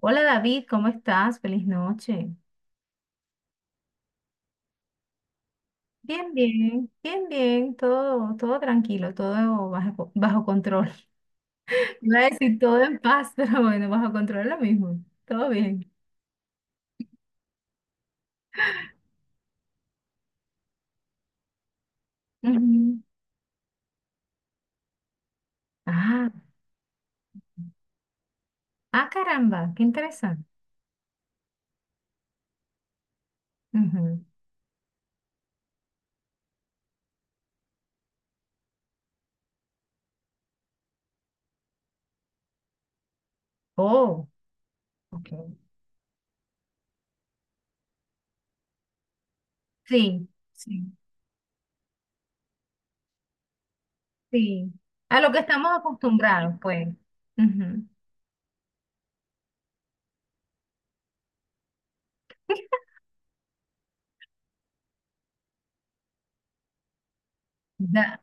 Hola David, ¿cómo estás? Feliz noche. Bien, bien, bien, bien, todo tranquilo, todo bajo control. Iba a decir todo en paz, pero bueno, bajo control es lo mismo. Todo bien. Ujú. Ah, ah, caramba, qué interesante. Ujú. Oh, ok. Sí, sí, sí. A lo que estamos acostumbrados, pues. Ujú. Da-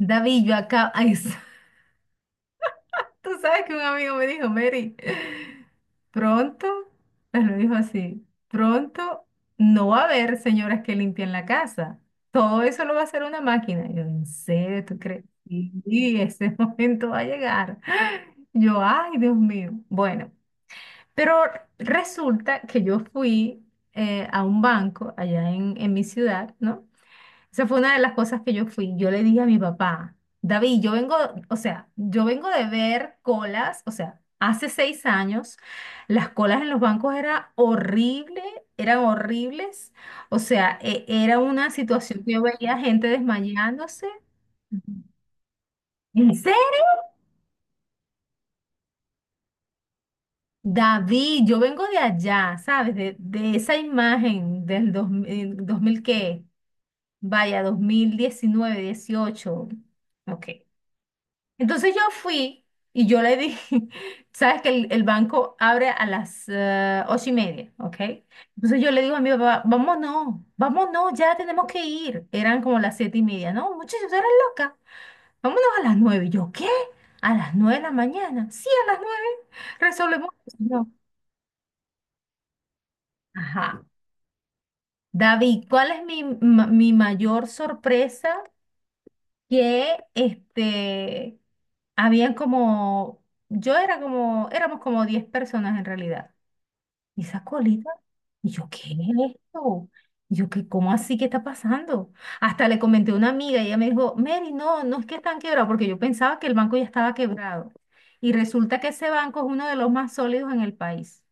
David, yo acá. Tú sabes que un amigo me dijo, Mary, pronto, me lo dijo así, pronto no va a haber señoras que limpien la casa. Todo eso lo va a hacer una máquina. Y yo, ¿en serio tú crees? Y ese momento va a llegar. Yo, ay, Dios mío. Bueno, pero resulta que yo fui a un banco allá en mi ciudad, ¿no? Esa fue una de las cosas que yo fui. Yo le dije a mi papá, David, yo vengo, o sea, yo vengo de ver colas, o sea, hace 6 años, las colas en los bancos era horrible, eran horribles, o sea, era una situación que yo veía gente desmayándose. ¿En serio? David, yo vengo de allá, ¿sabes? De esa imagen del 2000 qué, vaya, 2019 18, ok. Entonces yo fui y yo le dije, sabes que el banco abre a las 8:30, ¿ok? Entonces yo le digo a mi papá, vámonos, vámonos, ya tenemos que ir. Eran como las 7:30, ¿no? Muchachos, eres loca. Vámonos a las 9. Y yo, ¿qué? ¿A las nueve de la mañana? Sí, a las 9. Resolvemos. No. Ajá. David, ¿cuál es mi mayor sorpresa? Que habían como, yo era como, éramos como 10 personas en realidad. Y esa colita, y yo, ¿qué es esto? Y yo, ¿qué, cómo así qué está pasando? Hasta le comenté a una amiga y ella me dijo, Mary, no, no es que están quebrados, porque yo pensaba que el banco ya estaba quebrado. Y resulta que ese banco es uno de los más sólidos en el país.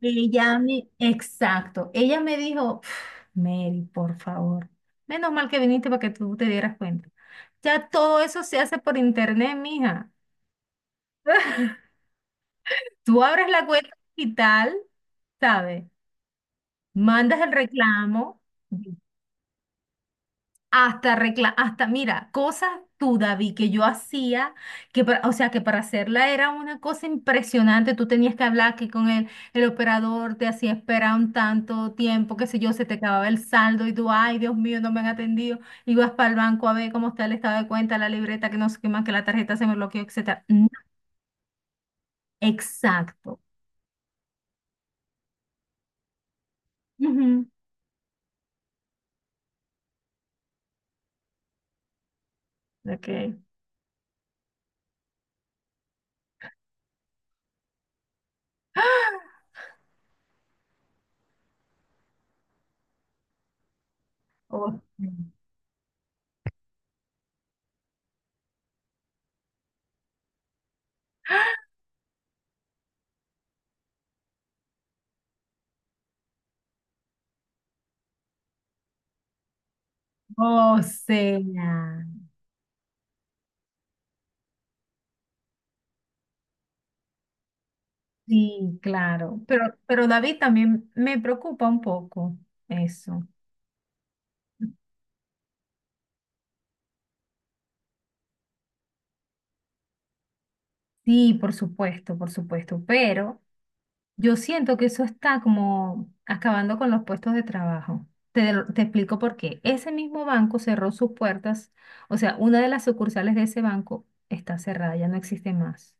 Ella me, exacto, ella me dijo, "Pf, Mary, por favor, menos mal que viniste para que tú te dieras cuenta. Ya todo eso se hace por internet, mija. Tú abres la cuenta digital, ¿sabes? Mandas el reclamo, hasta recla hasta, mira, cosas tú, David, que yo hacía, que o sea, que para hacerla era una cosa impresionante. Tú tenías que hablar que con el operador te hacía esperar un tanto tiempo, qué sé yo, se te acababa el saldo y tú, ay, Dios mío, no me han atendido. Ibas para el banco a ver cómo está el estado de cuenta, la libreta, que no sé qué más, que la tarjeta se me bloqueó, etcétera. No, exacto. Ujú. Ok. Oh, sí. O sea. Sí, claro, pero David también me preocupa un poco eso. Sí, por supuesto, pero yo siento que eso está como acabando con los puestos de trabajo. Te explico por qué. Ese mismo banco cerró sus puertas, o sea, una de las sucursales de ese banco está cerrada, ya no existe más.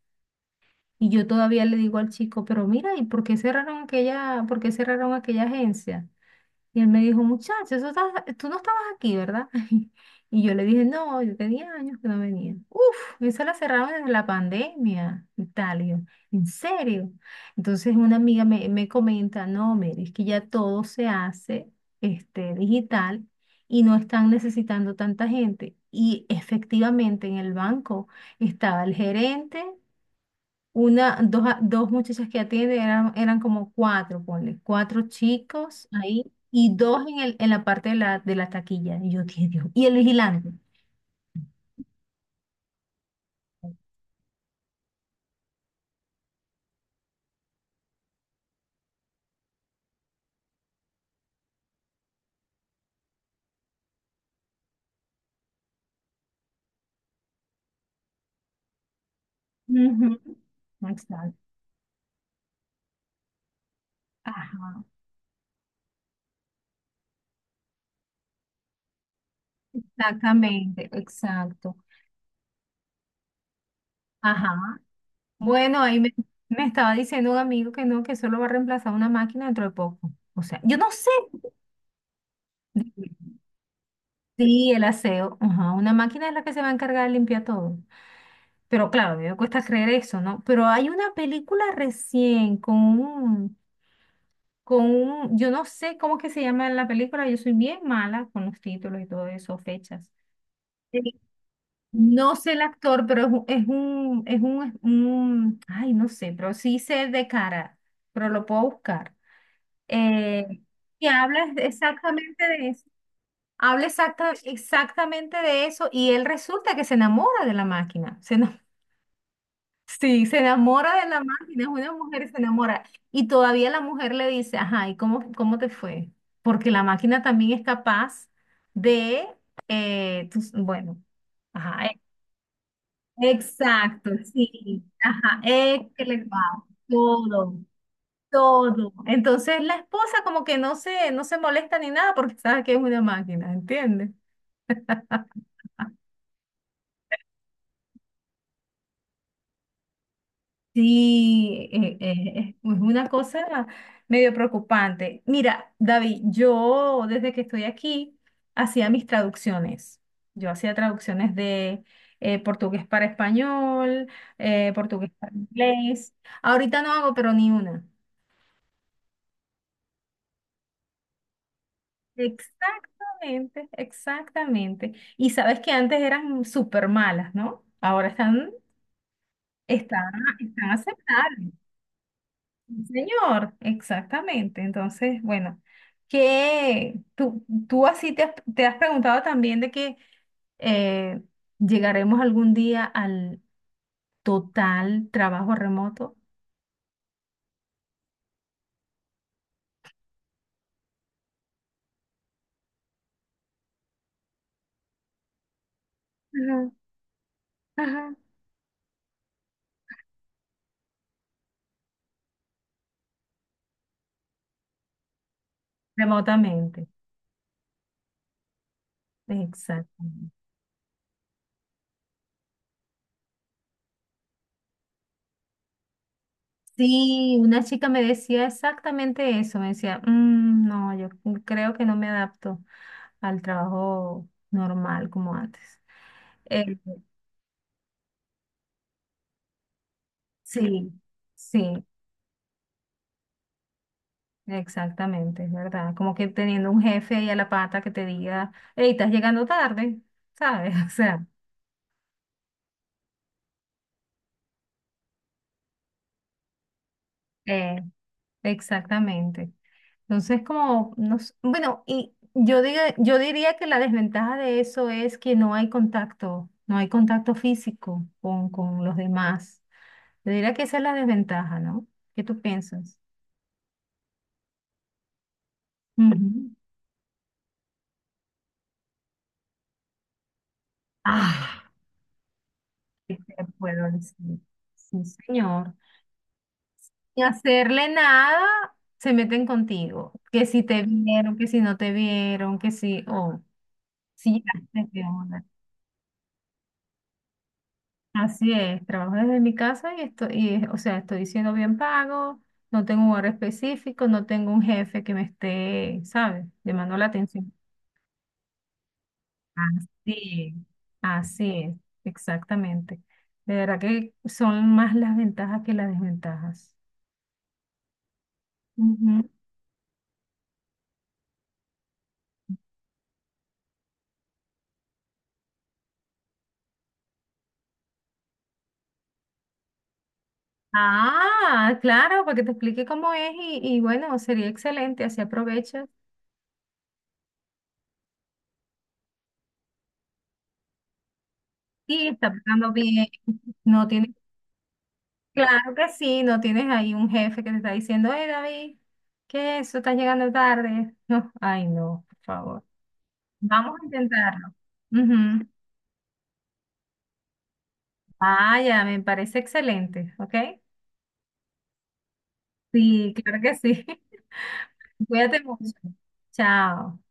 Y yo todavía le digo al chico, pero mira, ¿y por qué cerraron aquella, por qué cerraron aquella agencia? Y él me dijo, muchacho, eso tú no estabas aquí, ¿verdad? Y yo le dije, no, yo tenía años que no venía. Uf, eso la cerraron desde la pandemia y tal. Y yo, ¿en serio? Entonces una amiga me comenta, no, Mary, es que ya todo se hace digital y no están necesitando tanta gente. Y efectivamente en el banco estaba el gerente. Una, dos, dos muchachas que atienden eran como cuatro, ponle, cuatro chicos ahí y dos en la parte de la taquilla. Y yo dije, Dios, y el vigilante. Ujú. Exacto. Ajá. Exactamente, exacto. Ajá. Bueno, ahí me estaba diciendo un amigo que no, que solo va a reemplazar una máquina dentro de poco. O sea, yo no sé. Sí, el aseo. Ajá. Una máquina es la que se va a encargar de limpiar todo. Pero claro, a mí me cuesta creer eso, ¿no? Pero hay una película recién yo no sé cómo que se llama la película, yo soy bien mala con los títulos y todo eso, fechas. Sí. No sé el actor, pero ay, no sé, pero sí sé de cara, pero lo puedo buscar. Eh, y habla exactamente de eso. Habla exactamente de eso y él resulta que se enamora de la máquina. Se enamora. Sí, se enamora de la máquina, es una mujer se enamora. Y todavía la mujer le dice, ajá, ¿y cómo te fue? Porque la máquina también es capaz de, bueno, ajá, exacto, sí, ajá, es que le va todo, todo. Entonces la esposa como que no se molesta ni nada porque sabe que es una máquina, ¿entiendes? Sí, es una cosa medio preocupante. Mira, David, yo desde que estoy aquí hacía mis traducciones. Yo hacía traducciones de portugués para español, portugués para inglés. Ahorita no hago, pero ni una. Exactamente, exactamente. Y sabes que antes eran súper malas, ¿no? Ahora están, están aceptables. Sí, señor, exactamente. Entonces, bueno, que tú así te has preguntado también de que eh, llegaremos algún día al total trabajo remoto, ajá, ajá. Remotamente. Exactamente. Sí, una chica me decía exactamente eso, me decía, "Mm, no, yo creo que no me adapto al trabajo normal como antes. Eh, sí, sí. Exactamente, es verdad. Como que teniendo un jefe ahí a la pata que te diga, hey, estás llegando tarde, ¿sabes? O sea, eh, exactamente. Entonces, como, no s- bueno, y yo diga, yo diría que la desventaja de eso es que no hay contacto, no hay contacto físico con los demás. Yo diría que esa es la desventaja, ¿no? ¿Qué tú piensas? Ujú. Ah, ¿qué te puedo decir? Sí, señor. Ni hacerle nada, se meten contigo. Que si te vieron, que si no te vieron, que si, oh, sí, llegaste, qué onda. Así es, trabajo desde mi casa y estoy, o sea, estoy siendo bien pago, no tengo un horario específico, no tengo un jefe que me esté, ¿sabes? Llamando la atención. Así es, así es, exactamente. De verdad que son más las ventajas que las desventajas. Ah, claro, para que te explique cómo es y bueno, sería excelente, así aprovechas. Y está pagando bien. No tienes, claro que sí, no tienes ahí un jefe que te está diciendo, hey David, ¿qué es eso? Estás llegando tarde. No, ay no, por favor. Vamos a intentarlo. Ujú. Ah, ya, me parece excelente, ¿ok? Sí, claro que sí. Cuídate mucho. Chao.